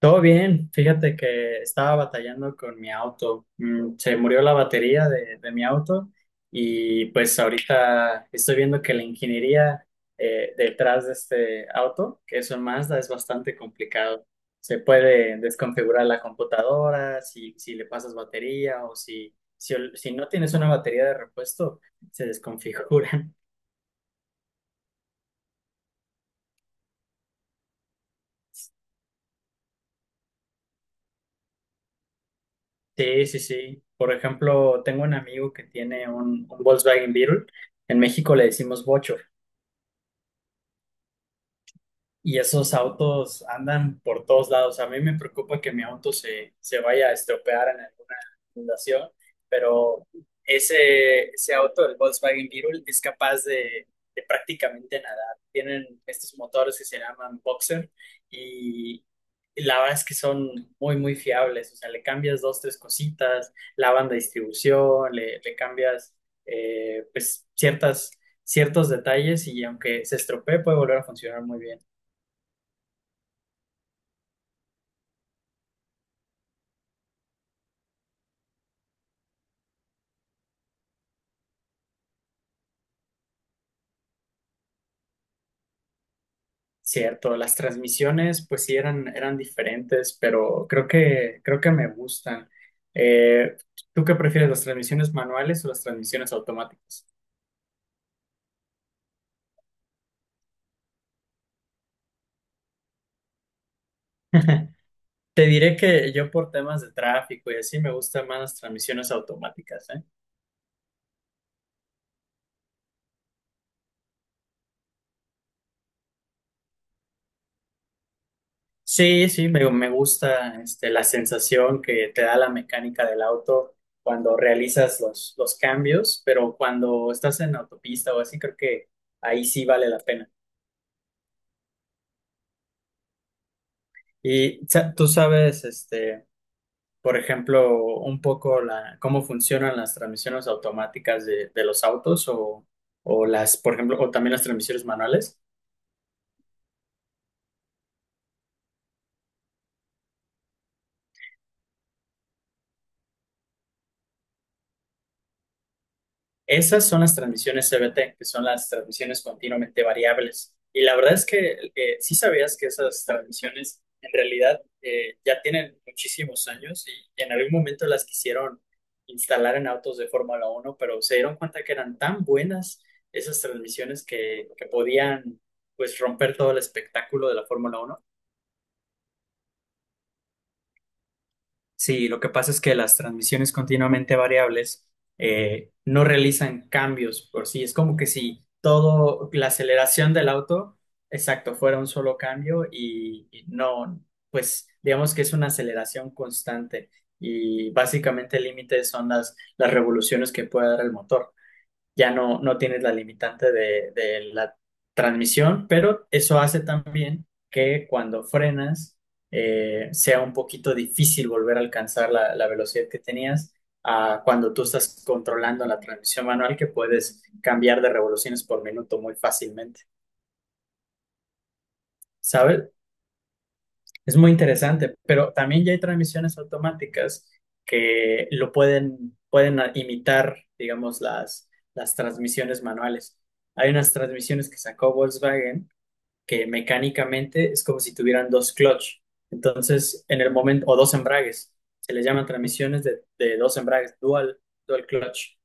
Todo bien, fíjate que estaba batallando con mi auto. Se murió la batería de mi auto y pues ahorita estoy viendo que la ingeniería detrás de este auto, que es un Mazda, es bastante complicado. Se puede desconfigurar la computadora, si le pasas batería o si no tienes una batería de repuesto, se desconfiguran. Sí, sí, sí. Por ejemplo, tengo un amigo que tiene un Volkswagen Beetle. En México le decimos bocho. Y esos autos andan por todos lados. A mí me preocupa que mi auto se vaya a estropear en alguna fundación, pero ese auto, el Volkswagen Beetle, es capaz de prácticamente nadar. Tienen estos motores que se llaman Boxer y la verdad es que son muy, muy fiables. O sea, le cambias dos, tres cositas, la banda de distribución, le cambias pues ciertas, ciertos detalles y aunque se estropee puede volver a funcionar muy bien. Cierto, las transmisiones pues sí eran, eran diferentes, pero creo que me gustan. Eh, ¿Tú qué prefieres, las transmisiones manuales o las transmisiones automáticas? Te diré que yo por temas de tráfico y así me gustan más las transmisiones automáticas, ¿eh? Sí, sí, me gusta este, la sensación que te da la mecánica del auto cuando realizas los cambios, pero cuando estás en autopista o así, creo que ahí sí vale la pena. Tú sabes, este, por ejemplo, un poco la, cómo funcionan las transmisiones automáticas de los autos o las, por ejemplo, o también las transmisiones manuales. Esas son las transmisiones CVT, que son las transmisiones continuamente variables. Y la verdad es que sí sabías que esas transmisiones en realidad ya tienen muchísimos años y en algún momento las quisieron instalar en autos de Fórmula Uno, pero se dieron cuenta que eran tan buenas esas transmisiones que podían pues romper todo el espectáculo de la Fórmula Uno. Sí, lo que pasa es que las transmisiones continuamente variables no realizan cambios por sí. Es como que si todo, la aceleración del auto, exacto, fuera un solo cambio y no, pues digamos que es una aceleración constante y básicamente el límite son las revoluciones que puede dar el motor ya no, no tienes la limitante de la transmisión, pero eso hace también que cuando frenas sea un poquito difícil volver a alcanzar la velocidad que tenías a cuando tú estás controlando la transmisión manual, que puedes cambiar de revoluciones por minuto muy fácilmente, ¿sabes? Es muy interesante, pero también ya hay transmisiones automáticas que lo pueden, imitar, digamos, las transmisiones manuales. Hay unas transmisiones que sacó Volkswagen que mecánicamente es como si tuvieran dos clutch. Entonces, en el momento, o dos embragues, se les llaman transmisiones de dos embragues, dual clutch.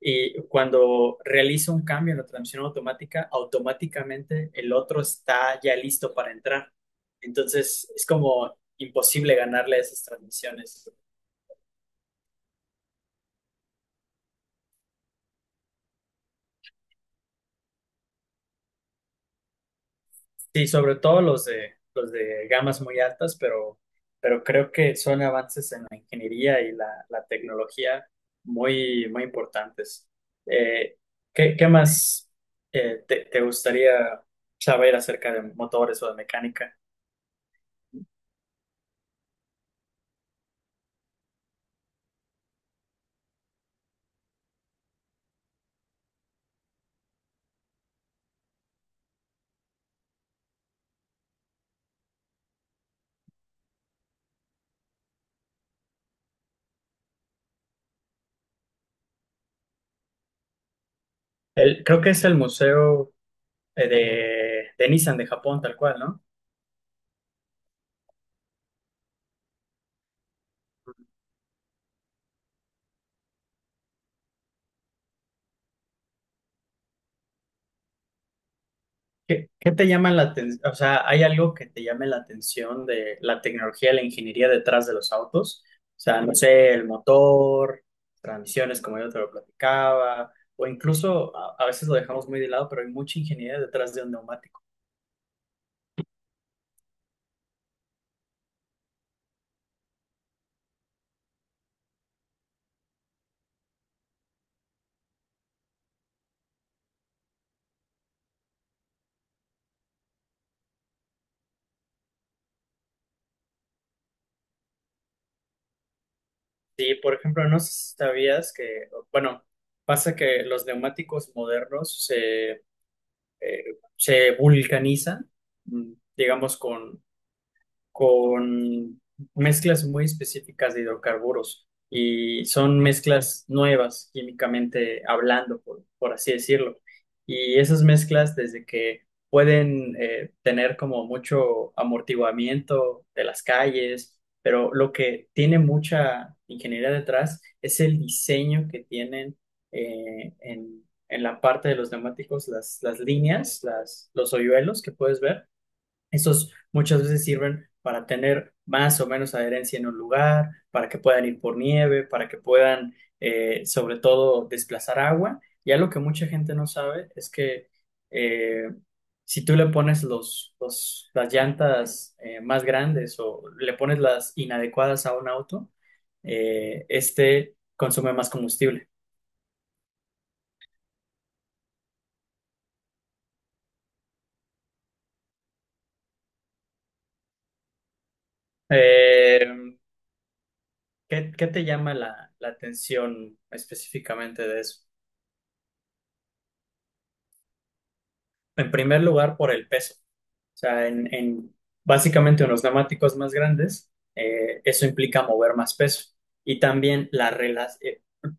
Y cuando realizo un cambio en la transmisión automática, automáticamente el otro está ya listo para entrar. Entonces es como imposible ganarle a esas transmisiones. Sí, sobre todo los de gamas muy altas, pero creo que son avances en la ingeniería y la tecnología muy, muy importantes. Eh, ¿Qué, qué más te, te gustaría saber acerca de motores o de mecánica? Creo que es el museo de Nissan de Japón, tal cual, ¿no? ¿Qué, qué te llama la atención? O sea, ¿hay algo que te llame la atención de la tecnología, la ingeniería detrás de los autos? O sea, no sé, el motor, transmisiones, como yo te lo platicaba, o incluso a veces lo dejamos muy de lado, pero hay mucha ingeniería detrás de un neumático. Sí, por ejemplo, no sé si sabías que, bueno, pasa que los neumáticos modernos eh, se vulcanizan, mm, digamos, con mezclas muy específicas de hidrocarburos y son mezclas nuevas químicamente hablando, por así decirlo. Y esas mezclas, desde que pueden tener como mucho amortiguamiento de las calles, pero lo que tiene mucha ingeniería detrás es el diseño que tienen eh, en, en la parte de los neumáticos, las líneas, las, los hoyuelos que puedes ver esos muchas veces sirven para tener más o menos adherencia en un lugar, para que puedan ir por nieve, para que puedan, sobre todo, desplazar agua. Y algo que mucha gente no sabe es que eh, si tú le pones las llantas más grandes o le pones las inadecuadas a un auto, este consume más combustible. Eh, ¿Qué, qué te llama la atención específicamente de eso? En primer lugar, por el peso. Sea, en básicamente unos neumáticos más grandes, eso implica mover más peso. Y también la relación,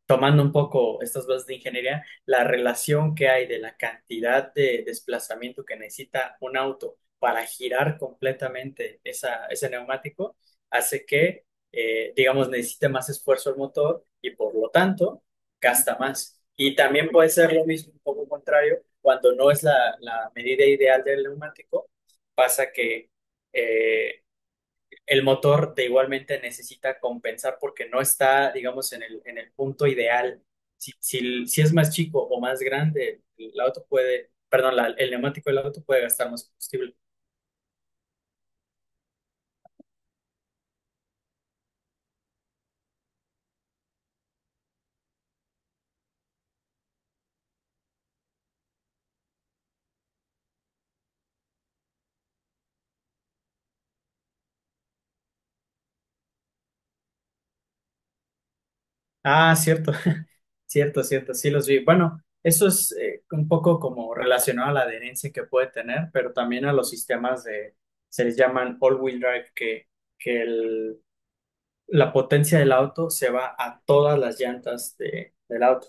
tomando un poco estas bases de ingeniería, la relación que hay de la cantidad de desplazamiento que necesita un auto para girar completamente esa, ese neumático, hace que, digamos, necesite más esfuerzo el motor y por lo tanto gasta más. Y también puede ser lo mismo, un poco contrario, cuando no es la medida ideal del neumático pasa que eh, el motor de igualmente necesita compensar porque no está, digamos, en el punto ideal. Si, si, si es más chico o más grande, el auto puede, perdón, el neumático del auto puede gastar más combustible. Ah, cierto, cierto, cierto, sí los vi. Bueno, eso es un poco como relacionado a la adherencia que puede tener, pero también a los sistemas de, se les llaman all-wheel drive, que el la potencia del auto se va a todas las llantas del auto.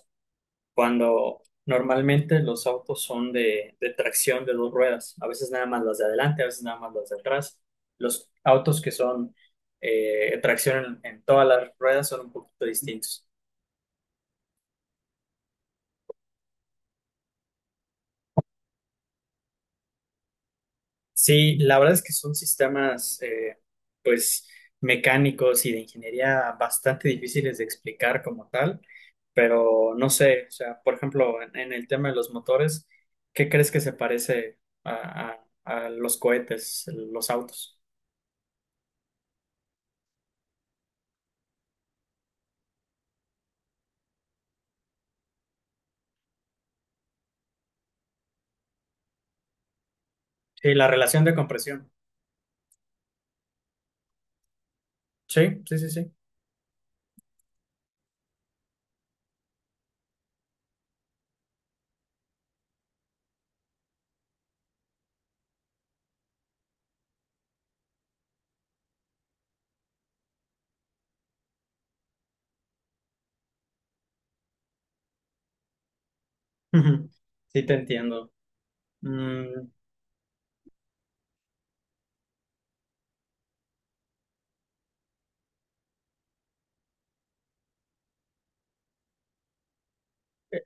Cuando normalmente los autos son de tracción de dos ruedas, a veces nada más las de adelante, a veces nada más las de atrás. Los autos que son tracción en todas las ruedas son un poquito distintos. Sí, la verdad es que son sistemas pues mecánicos y de ingeniería bastante difíciles de explicar como tal, pero no sé, o sea, por ejemplo, en el tema de los motores, ¿qué crees que se parece a, a a los cohetes, los autos? Sí, la relación de compresión. Sí, sí, sí, sí. Ujú. Sí, te entiendo. Mm,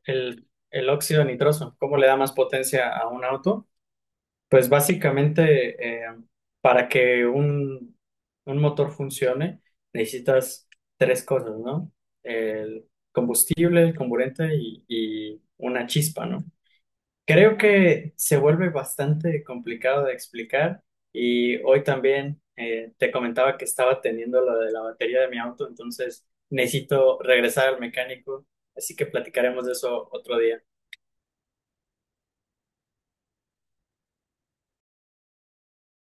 el óxido nitroso, ¿cómo le da más potencia a un auto? Pues básicamente, para que un motor funcione, necesitas tres cosas, ¿no? El combustible, el comburente y una chispa, ¿no? Creo que se vuelve bastante complicado de explicar y hoy también te comentaba que estaba teniendo lo de la batería de mi auto, entonces necesito regresar al mecánico, así que platicaremos de eso otro día.